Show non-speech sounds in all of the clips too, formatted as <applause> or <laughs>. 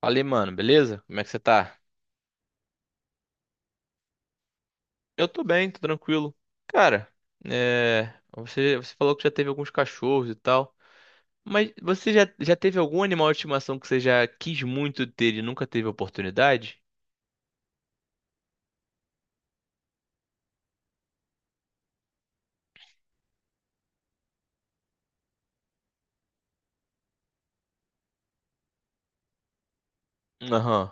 Falei, mano, beleza? Como é que você tá? Eu tô bem, tô tranquilo. Cara, você falou que já teve alguns cachorros e tal, mas você já teve algum animal de estimação que você já quis muito ter e nunca teve oportunidade? Aham,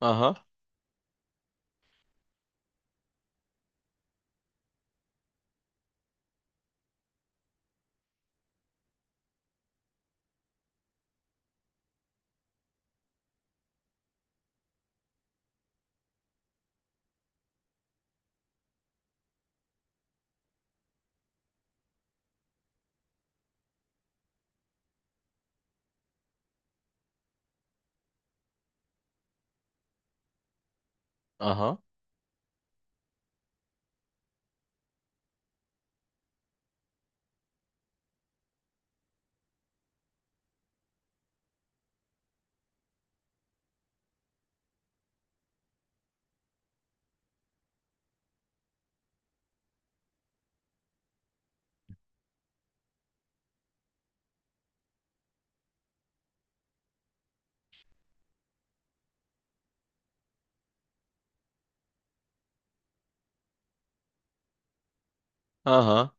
aham, aham, aham.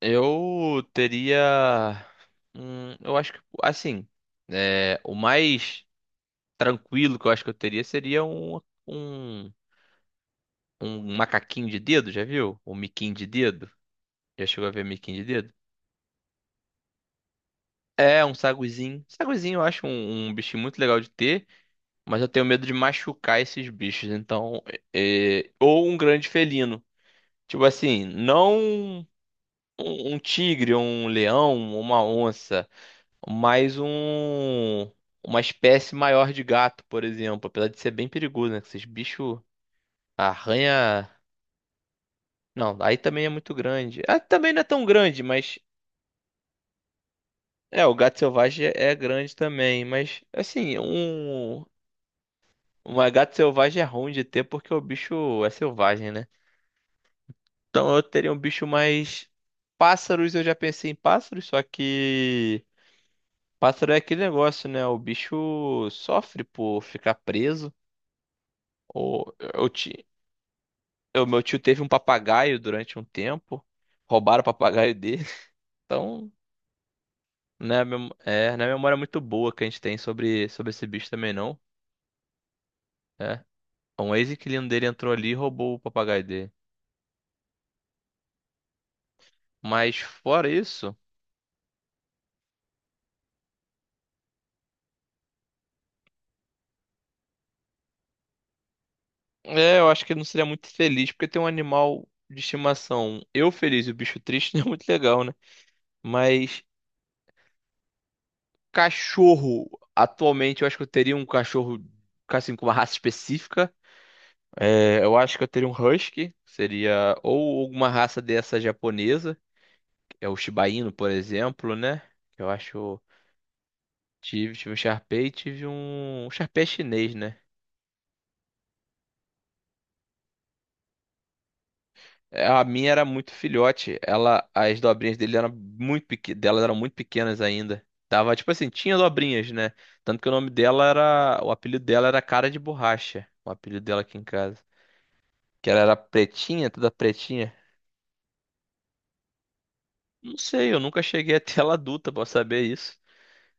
Eu teria. Eu acho que, assim, é, o mais tranquilo que eu acho que eu teria seria um, um macaquinho de dedo, já viu? Um miquinho de dedo. Já chegou a ver miquinho de dedo? É, um saguizinho. Saguizinho eu acho um bichinho muito legal de ter, mas eu tenho medo de machucar esses bichos. Então, ou um grande felino. Tipo assim, não um, um tigre, um leão, uma onça, mas um, uma espécie maior de gato, por exemplo. Apesar de ser bem perigoso, né? Que esses bichos arranha. Não, aí também é muito grande. Ah, também não é tão grande, mas. É, o gato selvagem é grande também, mas assim, um... Uma gata selvagem é ruim de ter porque o bicho é selvagem, né? Então eu teria um bicho mais. Pássaros, eu já pensei em pássaros, só que... Pássaro é aquele negócio, né? O bicho sofre por ficar preso. Ou eu ti... o meu tio teve um papagaio durante um tempo. Roubaram o papagaio dele. <laughs> Então, né, a não é a memória muito boa que a gente tem sobre, sobre esse bicho também, não. É. Um ex-inquilino dele entrou ali e roubou o papagaio dele. Mas fora isso. É, eu acho que ele não seria muito feliz, porque tem um animal de estimação. Eu feliz e o bicho triste <laughs> não é muito legal, né? Mas cachorro, atualmente eu acho que eu teria um cachorro assim com uma raça específica. É, eu acho que eu teria um husky, seria ou alguma raça dessa japonesa, que é o Shiba Inu, por exemplo, né? Eu acho tive um Shar Pei, tive um Shar Pei chinês, né? É, a minha era muito filhote. Ela, as dobrinhas dele eram muito delas eram muito pequenas ainda. Tava, tipo assim, tinha dobrinhas, né? Tanto que o nome dela era... O apelido dela era Cara de Borracha. O apelido dela aqui em casa. Que ela era pretinha, toda pretinha. Não sei, eu nunca cheguei até ela adulta pra saber isso.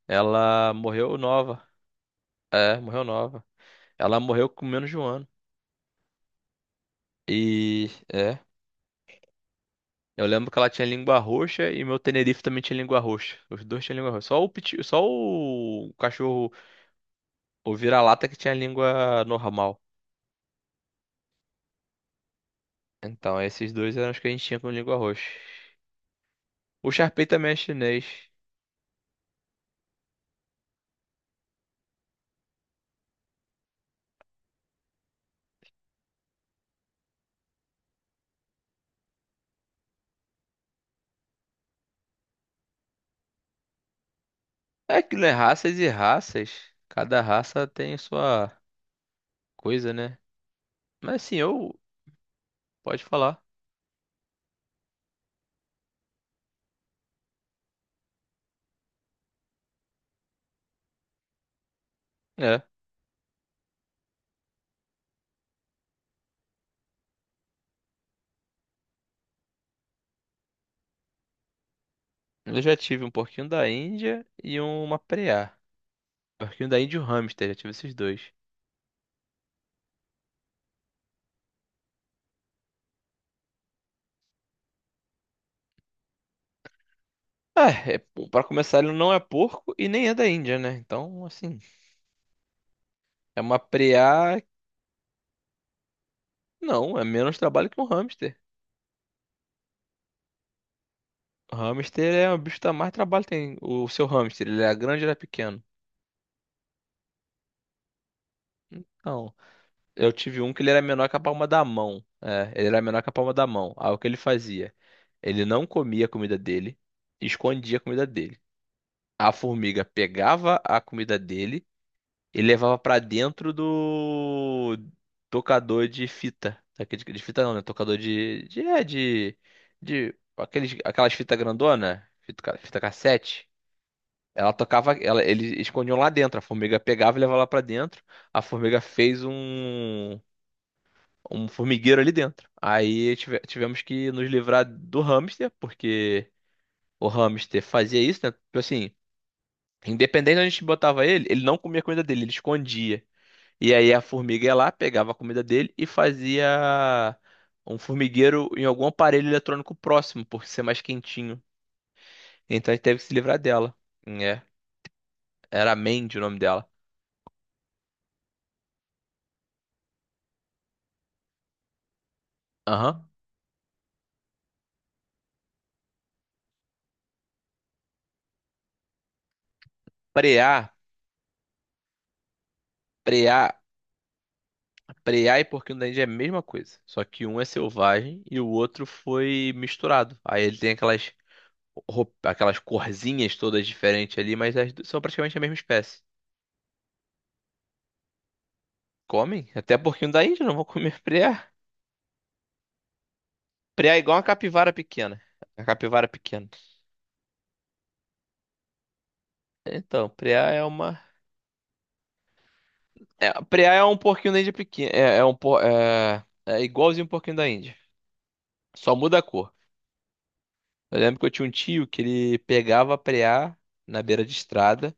Ela morreu nova. É, morreu nova. Ela morreu com menos de um ano. E. É. Eu lembro que ela tinha língua roxa e meu Tenerife também tinha língua roxa. Os dois tinham língua roxa. Só o, só o cachorro... O vira-lata que tinha língua normal. Então, esses dois eram os que a gente tinha com língua roxa. O Sharpei também é chinês. É aquilo, é raças e raças. Cada raça tem sua coisa, né? Mas assim, eu... Pode falar. É. Eu já tive um porquinho da Índia e uma preá. Porquinho da Índia e um hamster, já tive esses dois. Ah, é, pra começar, ele não é porco e nem é da Índia, né? Então, assim, é uma preá. Não, é menos trabalho que um hamster. Hamster é o bicho que dá mais trabalho tem. O seu hamster, ele era grande ou era pequeno? Então, eu tive um que ele era menor que a palma da mão. É, ele era menor que a palma da mão. Aí o que ele fazia? Ele não comia a comida dele, escondia a comida dele. A formiga pegava a comida dele e levava pra dentro do tocador de fita. Daquele de fita não, né? Tocador de aqueles, aquelas fitas grandona, fita, fita cassete. Ela tocava, ela, eles escondiam lá dentro. A formiga pegava e levava lá pra dentro. A formiga fez um formigueiro ali dentro. Aí tivemos que nos livrar do hamster, porque o hamster fazia isso, né? Tipo assim, independente de onde a gente botava ele, ele não comia a comida dele, ele escondia. E aí a formiga ia lá, pegava a comida dele e fazia um formigueiro em algum aparelho eletrônico próximo, por ser mais quentinho. Então a gente teve que se livrar dela. É, era Mandy o nome dela. Aham. Preá... Preá, preá e porquinho da Índia é a mesma coisa, só que um é selvagem e o outro foi misturado. Aí ele tem aquelas aquelas corzinhas todas diferentes ali, mas as duas são praticamente a mesma espécie. Comem? Até porquinho da Índia não vão comer <laughs> preá. Preá é igual uma capivara pequena. A capivara pequena. Então, preá é uma... é, preá é um porquinho da Índia pequeno, é, é um é igualzinho um porquinho da Índia, só muda a cor. Eu lembro que eu tinha um tio que ele pegava preá na beira de estrada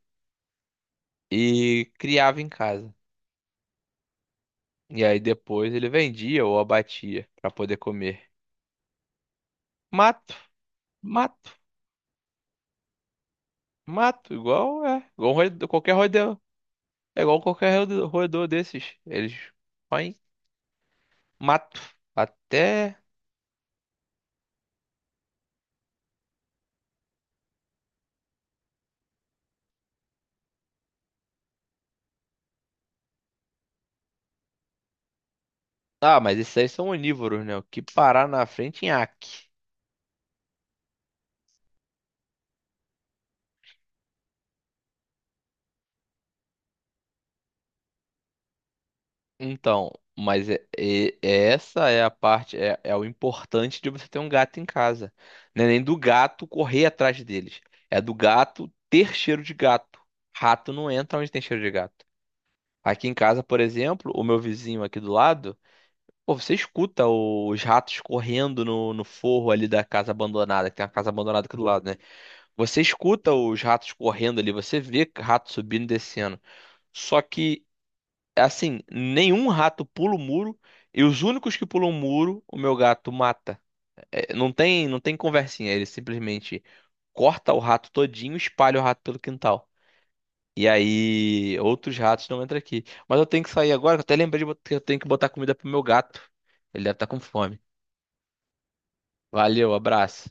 e criava em casa. E aí depois ele vendia ou abatia pra poder comer. Mato, mato, mato, igual é, igual um qualquer roedor, é igual qualquer roedor desses. Eles põem mato até... Ah, mas esses aí são onívoros, né? O que parar na frente, nhaque. Então, mas essa é a parte, é, é o importante de você ter um gato em casa. Não é nem do gato correr atrás deles. É do gato ter cheiro de gato. Rato não entra onde tem cheiro de gato. Aqui em casa, por exemplo, o meu vizinho aqui do lado, pô, você escuta os ratos correndo no forro ali da casa abandonada, que tem uma casa abandonada aqui do lado, né? Você escuta os ratos correndo ali, você vê rato subindo e descendo. Só que... Assim, nenhum rato pula o muro e os únicos que pulam o muro, o meu gato mata. É, não tem, não tem conversinha, ele simplesmente corta o rato todinho, e espalha o rato pelo quintal. E aí, outros ratos não entram aqui. Mas eu tenho que sair agora, que eu até lembrei de que eu tenho que botar comida pro meu gato. Ele deve estar com fome. Valeu, abraço.